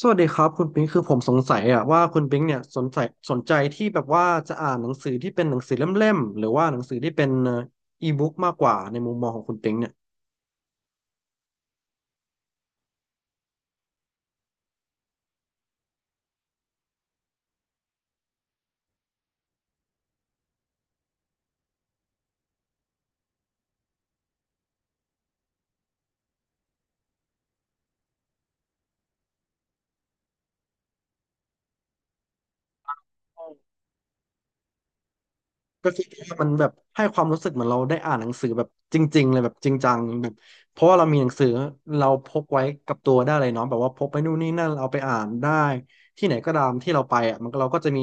สวัสดีครับคุณปิงคือผมสงสัยอะว่าคุณปิงเนี่ยสนใจที่แบบว่าจะอ่านหนังสือที่เป็นหนังสือเล่มๆหรือว่าหนังสือที่เป็นอีบุ๊กมากกว่าในมุมมองของคุณปิงเนี่ยก็คือว่ามันแบบให้ความรู้สึกเหมือนเราได้อ่านหนังสือแบบจริงๆเลยแบบจริงจังแบบเพราะว่าเรามีหนังสือเราพกไว้กับตัวได้เลยเนาะแบบว่าพกไปนู่นนี่นั่นเอาไปอ่านได้ที่ไหนก็ตามที่เราไปอ่ะมันก็เราก็จะมี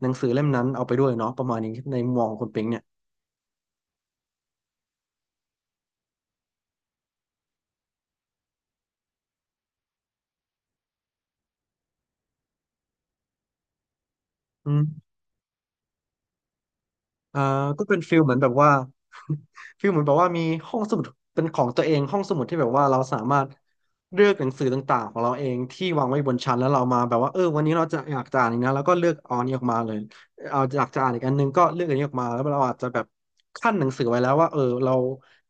หนังสือเล่มนั้นเอาไปด้วยเนาะประมาณนี้ในมุมมองของคุณปิงเนี่ยอืม อ่าก็เป็นฟิลเหมือนแบบว่า ฟิลเหมือนแบบว่ามีห้องสมุดเป็นของตัวเองห้องสมุดที่แบบว่าเราสามารถเลือกหนังสือต่างๆของเราเองที่วางไว้บนชั้นแล้วเรามาแบบว่าเออวันนี้เราจะอยากจะอ่านอีกนะแล้วก็เลือกเอาอันนี้ออกมาเลยเอาอยากจะอ่านอีกอันนึงก็เลือกอันนี้ออกมาแล้วเราอาจจะแบบขั้นหนังสือไว้แล้วว่าเออเรา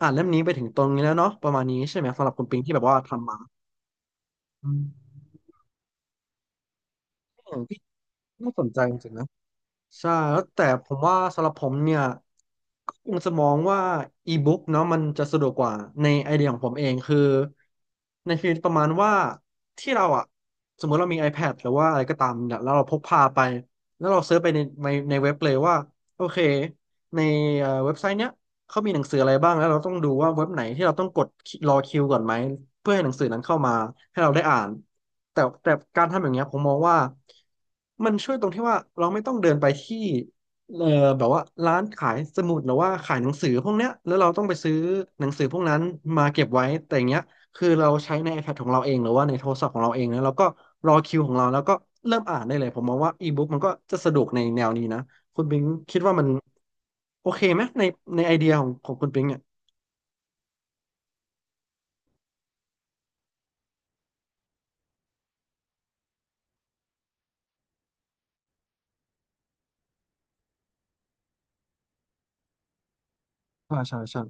อ่านเล่มนี้ไปถึงตรงนี้แล้วเนาะประมาณนี้ใช่ไหมสำหรับคุณปิงที่แบบว่าทำมาอืมเออพี่น่าสนใจจริงๆนะ ใช่แล้วแต่ผมว่าสำหรับผมเนี่ยก็คงจะมองว่าอีบุ๊กเนาะมันจะสะดวกกว่าในไอเดียของผมเองคือในฟีลประมาณว่าที่เราอะสมมติเรามี iPad หรือว่าอะไรก็ตามเนี่ยแล้วเราพกพาไปแล้วเราเซิร์ชไปในเว็บเลยว่าโอเคในเว็บไซต์เนี้ย เขามีหนังสืออะไรบ้างแล้วเราต้องดูว่าเว็บไหนที่เราต้องกดรอคิวก่อนไหม เพื่อให้หนังสือนั้นเข้ามาให้เราได้อ่านแต่การทำอย่างเงี้ยผมมองว่ามันช่วยตรงที่ว่าเราไม่ต้องเดินไปที่เออแบบว่าร้านขายสมุดหรือว่าขายหนังสือพวกเนี้ยแล้วเราต้องไปซื้อหนังสือพวกนั้นมาเก็บไว้แต่อย่างเงี้ยคือเราใช้ใน iPad ของเราเองหรือว่าในโทรศัพท์ของเราเองนะแล้วก็รอคิวของเราแล้วก็เริ่มอ่านได้เลยผมมองว่าอีบุ๊กมันก็จะสะดวกในแนวนี้นะ คุณปิงคิดว่ามันโอเคไหมในในไอเดียของคุณปิงเนี่ยใช่ใช่ใช่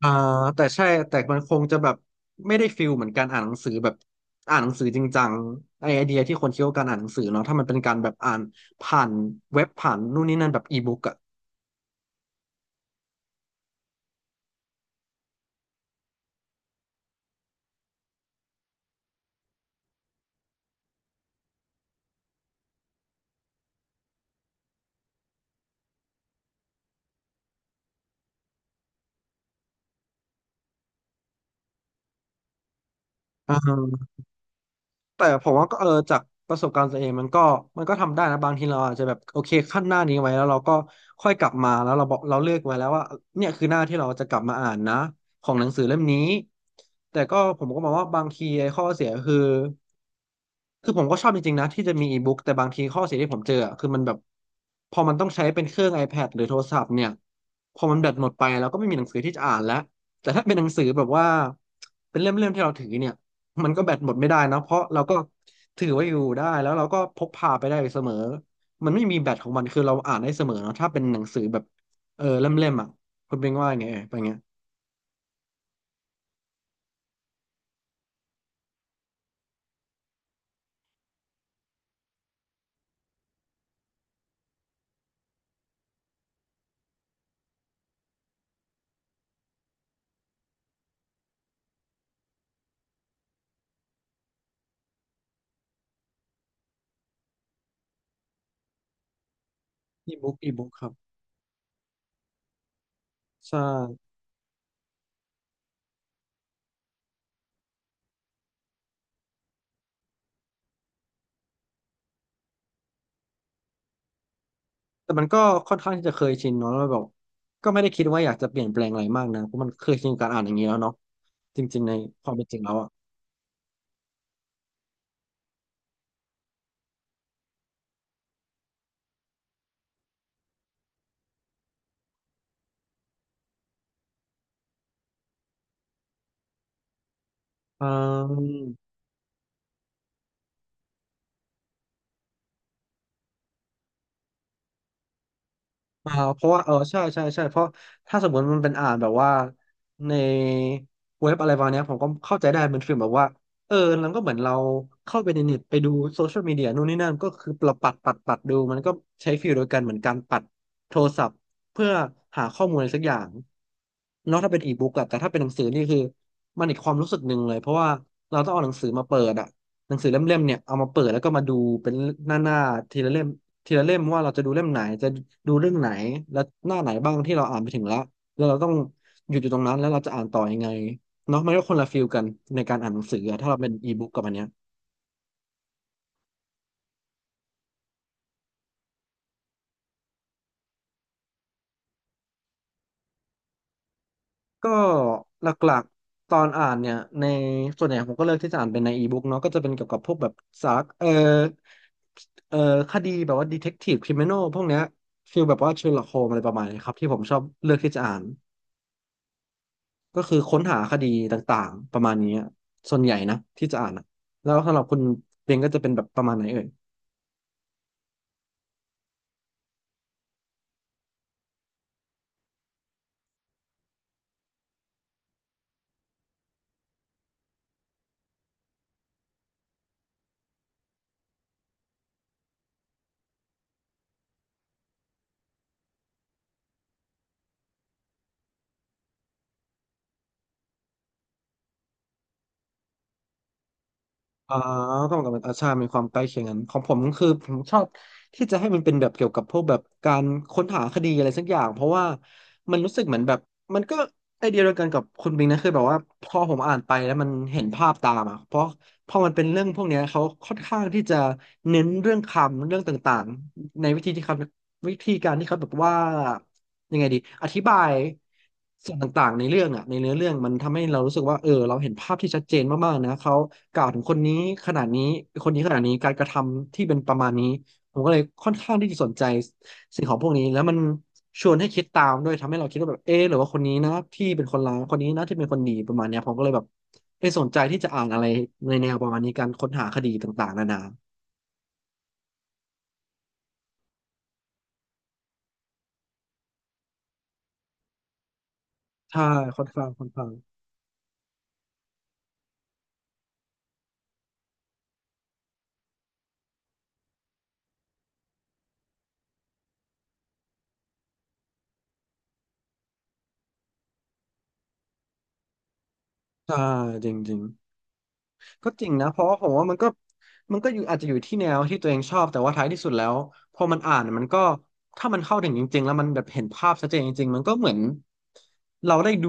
อ่าแต่ใช่แต่มันคงจะแบบไม่ได้ฟิลเหมือนการอ่านหนังสือแบบอ่านหนังสือจริงจังไอเดียที่คนคิดว่าการอ่านหนังสือเนาะถ้ามันเป็นการแบบอ่านผ่านเว็บผ่านนู่นนี่นั่นแบบอีบุ๊กอะอ่า แต่ผมว่าก็เออจากประสบการณ์ตัวเองมันก็ทำได้นะบางทีเราอาจจะแบบโอเคขั้นหน้านี้ไว้แล้วเราก็ค่อยกลับมาแล้วเราบอกเราเลือกไว้แล้วว่าเนี่ยคือหน้าที่เราจะกลับมาอ่านนะของหนังสือเล่มนี้แต่ก็ผมก็มองว่าบางทีไอ้ข้อเสียคือคือผมก็ชอบจริงๆนะที่จะมีอีบุ๊กแต่บางทีข้อเสียที่ผมเจออะคือมันแบบพอมันต้องใช้เป็นเครื่อง iPad หรือโทรศัพท์เนี่ยพอมันแบตหมดไปเราก็ไม่มีหนังสือที่จะอ่านแล้วแต่ถ้าเป็นหนังสือแบบว่าเป็นเล่มๆที่เราถือเนี่ย มันก็แบตหมดไม่ได้นะเพราะเราก็ถือไว้อยู่ได้แล้วเราก็พกพาไปได้เสมอมันไม่มีแบตของมันคือเราอ่านได้เสมอเนอะถ้าเป็นหนังสือแบบเออเล่มๆอ่ะคุณเป็นว่าไงเออเป็นไงยอีบุ๊กอีบุ๊กครับใช่แต่มันก็ค่อนข้างที่จะเคยชินเนาะแล้วแบบก็ไม่ได้คิดว่าอยากจะเปลี่ยนแปลงอะไรมากนะเพราะมันเคยชินกับการอ่านอย่างนี้แล้วเนาะจริงๆในความเป็นจริงแล้วอ่ะอืม เพราะว่าใช่ใช่ใช่เพราะถ้าสมมติมันเป็นอ่านแบบว่าในเว็บอะไรประมาณเนี้ยผมก็เข้าใจได้เป็นฟิลแบบว่าเออแล้วก็เหมือนเราเข้าไปในเน็ตไปดูโซเชียลมีเดียนู่นนี่นั่นก็คือเราปัดปัดดูมันก็ใช้ฟิลโดยกันเหมือนการปัดโทรศัพท์เพื่อหาข้อมูลอะไรสักอย่างเนอกถ้าเป็นอีบุ๊กอะแต่ถ้าเป็นหนังสือนี่คือมันอีกความรู้สึกหนึ่งเลยเพราะว่าเราต้องเอาหนังสือมาเปิดอะหนังสือเล่มๆเนี่ยเอามาเปิดแล้วก็มาดูเป็นหน้าๆทีละเล่ม ทีละเล่มว่าเราจะดูเล่มไหนจะดูเรื่องไหนและหน้าไหนบ้างที่เราอ่านไปถึงแล้วแล้วเราต้องหยุดอยู่ตรงนั้นแล้วเราจะอ่านต่อยังไงเนาะมันก็คนละฟีลกันในการอ่านหนังสืออะถ้าเราเป็นอีบุ๊กกับอันเนี้ยก็หลักๆตอนอ่านเนี่ยในส่วนใหญ่ผมก็เลือกที่จะอ่านเป็นในอีบุ๊กเนาะก็จะเป็นเกี่ยวกับพวกแบบสารเออคดีแบบว่าดีเทคทีฟคริมินอลพวกเนี้ยฟีลแบบว่าเชอร์ล็อกโฮมอะไรประมาณนี้ครับที่ผมชอบเลือกที่จะอ่าน ก็คือค้นหาคดีต่างๆประมาณนี้อะส่วนใหญ่นะที่จะอ่านอะแล้วสำหรับคุณเรนก็จะเป็นแบบประมาณไหนเอ่ยอ่าก็เหมือนกับอาชามีความใกล้เคียงกันของผมก็คือผมชอบที่จะให้มันเป็นแบบเกี่ยวกับพวกแบบการค้นหาคดีอะไรสักอย่างเพราะว่ามันรู้สึกเหมือนแบบมันก็ไอเดียเดียวกันกับคุณบิงนะคือแบบว่าพอผมอ่านไปแล้วมันเห็นภาพตามอ่ะเพราะพอมันเป็นเรื่องพวกเนี้ยเขาค่อนข้างที่จะเน้นเรื่องคำเรื่องต่างๆในวิธีที่เขาวิธีการที่เขาแบบว่า ยังไงดีอธิบายส่วนต่างๆในเรื่องอ่ะในเนื้อเรื่องมันทำให้เรารู้สึกว่าเออเราเห็นภาพที่ชัดเจนมากๆนะเขากล่าวถึงคนนี้ขนาดนี้คนนี้ขนาดนี้การกระทำที่เป็นประมาณนี้ผมก็เลยค่อนข้างที่จะสนใจสิ่งของพวกนี้แล้วมันชวนให้คิดตามด้วยทำให้เราคิดว่าแบบเออหรือว่าคนนี้นะที่เป็นคนร้ายคนนี้นะที่เป็นคนดีประมาณเนี้ยผมก็เลยแบบเออสนใจที่จะอ่านอะไรในแนวประมาณนี้การค้นหาคดีต่างๆนานาใช่ค่อนข้างใช่จริง ก็จริงนะเพราะว่าผมว่ามันก็อยู่อาจจะอยู่ที่แนวที่ตัวเองชอบแต่ว่าท้ายที่สุดแล้วพอมันอ่านมันก็ถ้ามันเข้าถึงจริงๆแล้วมันแบบเห็นภาพชัดเจนจริงๆมันก็เหมือนเราได้ดู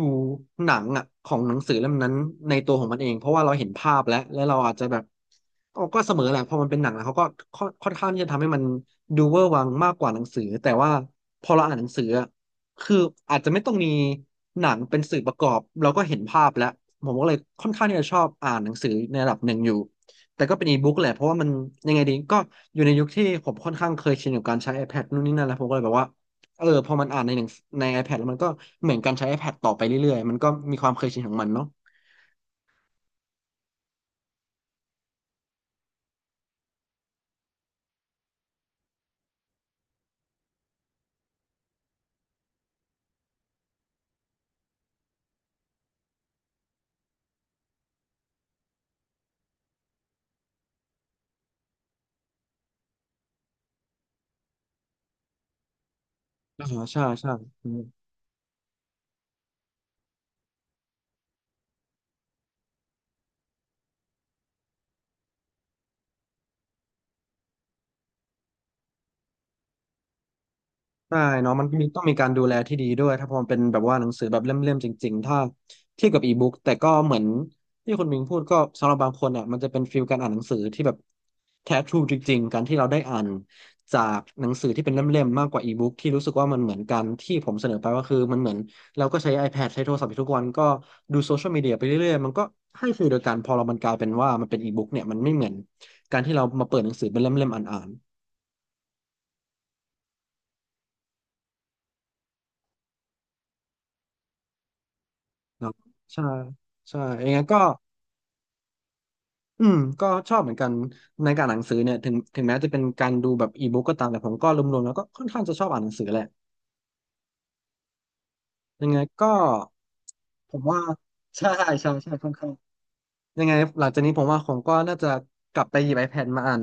หนังอ่ะของหนังสือเล่มนั้นในตัวของมันเองเพราะว่าเราเห็นภาพแล้วและเราอาจจะแบบเอาก็เสมอแหละพอมันเป็นหนังแล้วเขาก็ค่อนข้างที่จะทำให้มันดูเวอร์วังมากกว่าหนังสือแต่ว่าพอเราอ่านหนังสืออะ คืออาจจะไม่ต้องมีหนังเป็นสื่อประกอบเราก็เห็นภาพแล้วผมก็เลยค่อนข้างที่จะชอบอ่านหนังสือในระดับหนึ่งอยู่แต่ก็เป็นอีบุ๊กแหละเพราะว่ามันยังไงดีก็อยู่ในยุคที่ผมค่อนข้างเคยชินกับการใช้ iPad นู่นนี่นั่นแล้วผมก็เลยแบบว่าเออพอมันอ่านในหนังใน iPad แล้วมันก็เหมือนการใช้ iPad ต่อไปเรื่อยๆมันก็มีความเคยชินของมันเนาะอ่าใช่ใช่อืม ใช่เนาะมันมีต้องมีการดูแลที่ดีด้วยถ้าพอมันเป็นแบบว่าหนังสือแบบเล่มๆจริงๆถ้าเทียบกับอีบุ๊กแต่ก็เหมือนที่คุณมิงพูดก็สำหรับบางคนอ่ะมันจะเป็นฟีลการอ่านหนังสือที่แบบแท้ทรูจริงๆการที่เราได้อ่านจากหนังสือที่เป็นเล่มๆมากกว่าอีบุ๊กที่รู้สึกว่ามันเหมือนกันที่ผมเสนอไปว่าคือมันเหมือนเราก็ใช้ iPad ใช้โทรศัพท์อยู่ทุกวันก็ดูโซเชียลมีเดียไปเรื่อยๆมันก็ให้ฟีลเดียวกันพอเรามันกลายเป็นว่ามันเป็นอีบุ๊กเนี่ยมันไม่เหมือนการที่เรามาเปิดหนังสือเป็นเล่มๆอ่านๆเนาะใช่ใช่ยังไงก็ อืมก็ชอบเหมือนกันในการอ่านหนังสือเนี่ยถึงแม้จะเป็นการดูแบบอีบุ๊กก็ตามแต่ผมก็รวมๆแล้วก็ค่อนข้างจะชอบอ่านหนังสือแหละยังไงก็ผมว่าใช่ใช่ใช่ใช่ค่อนข้างยังไงหลังจากนี้ผมว่าผมก็น่าจะกลับไปหยิบ iPad มาอ่าน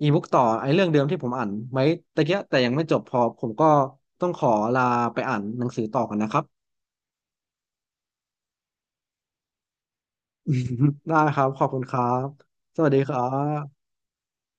อีบุ๊กต่อไอ้เรื่องเดิมที่ผมอ่านไว้ตะเกียะแต่ยังไม่จบพอผมก็ต้องขอลาไปอ่านหนังสือต่อกันนะครับ ได้ครับขอบคุณครับสวัสดีครับ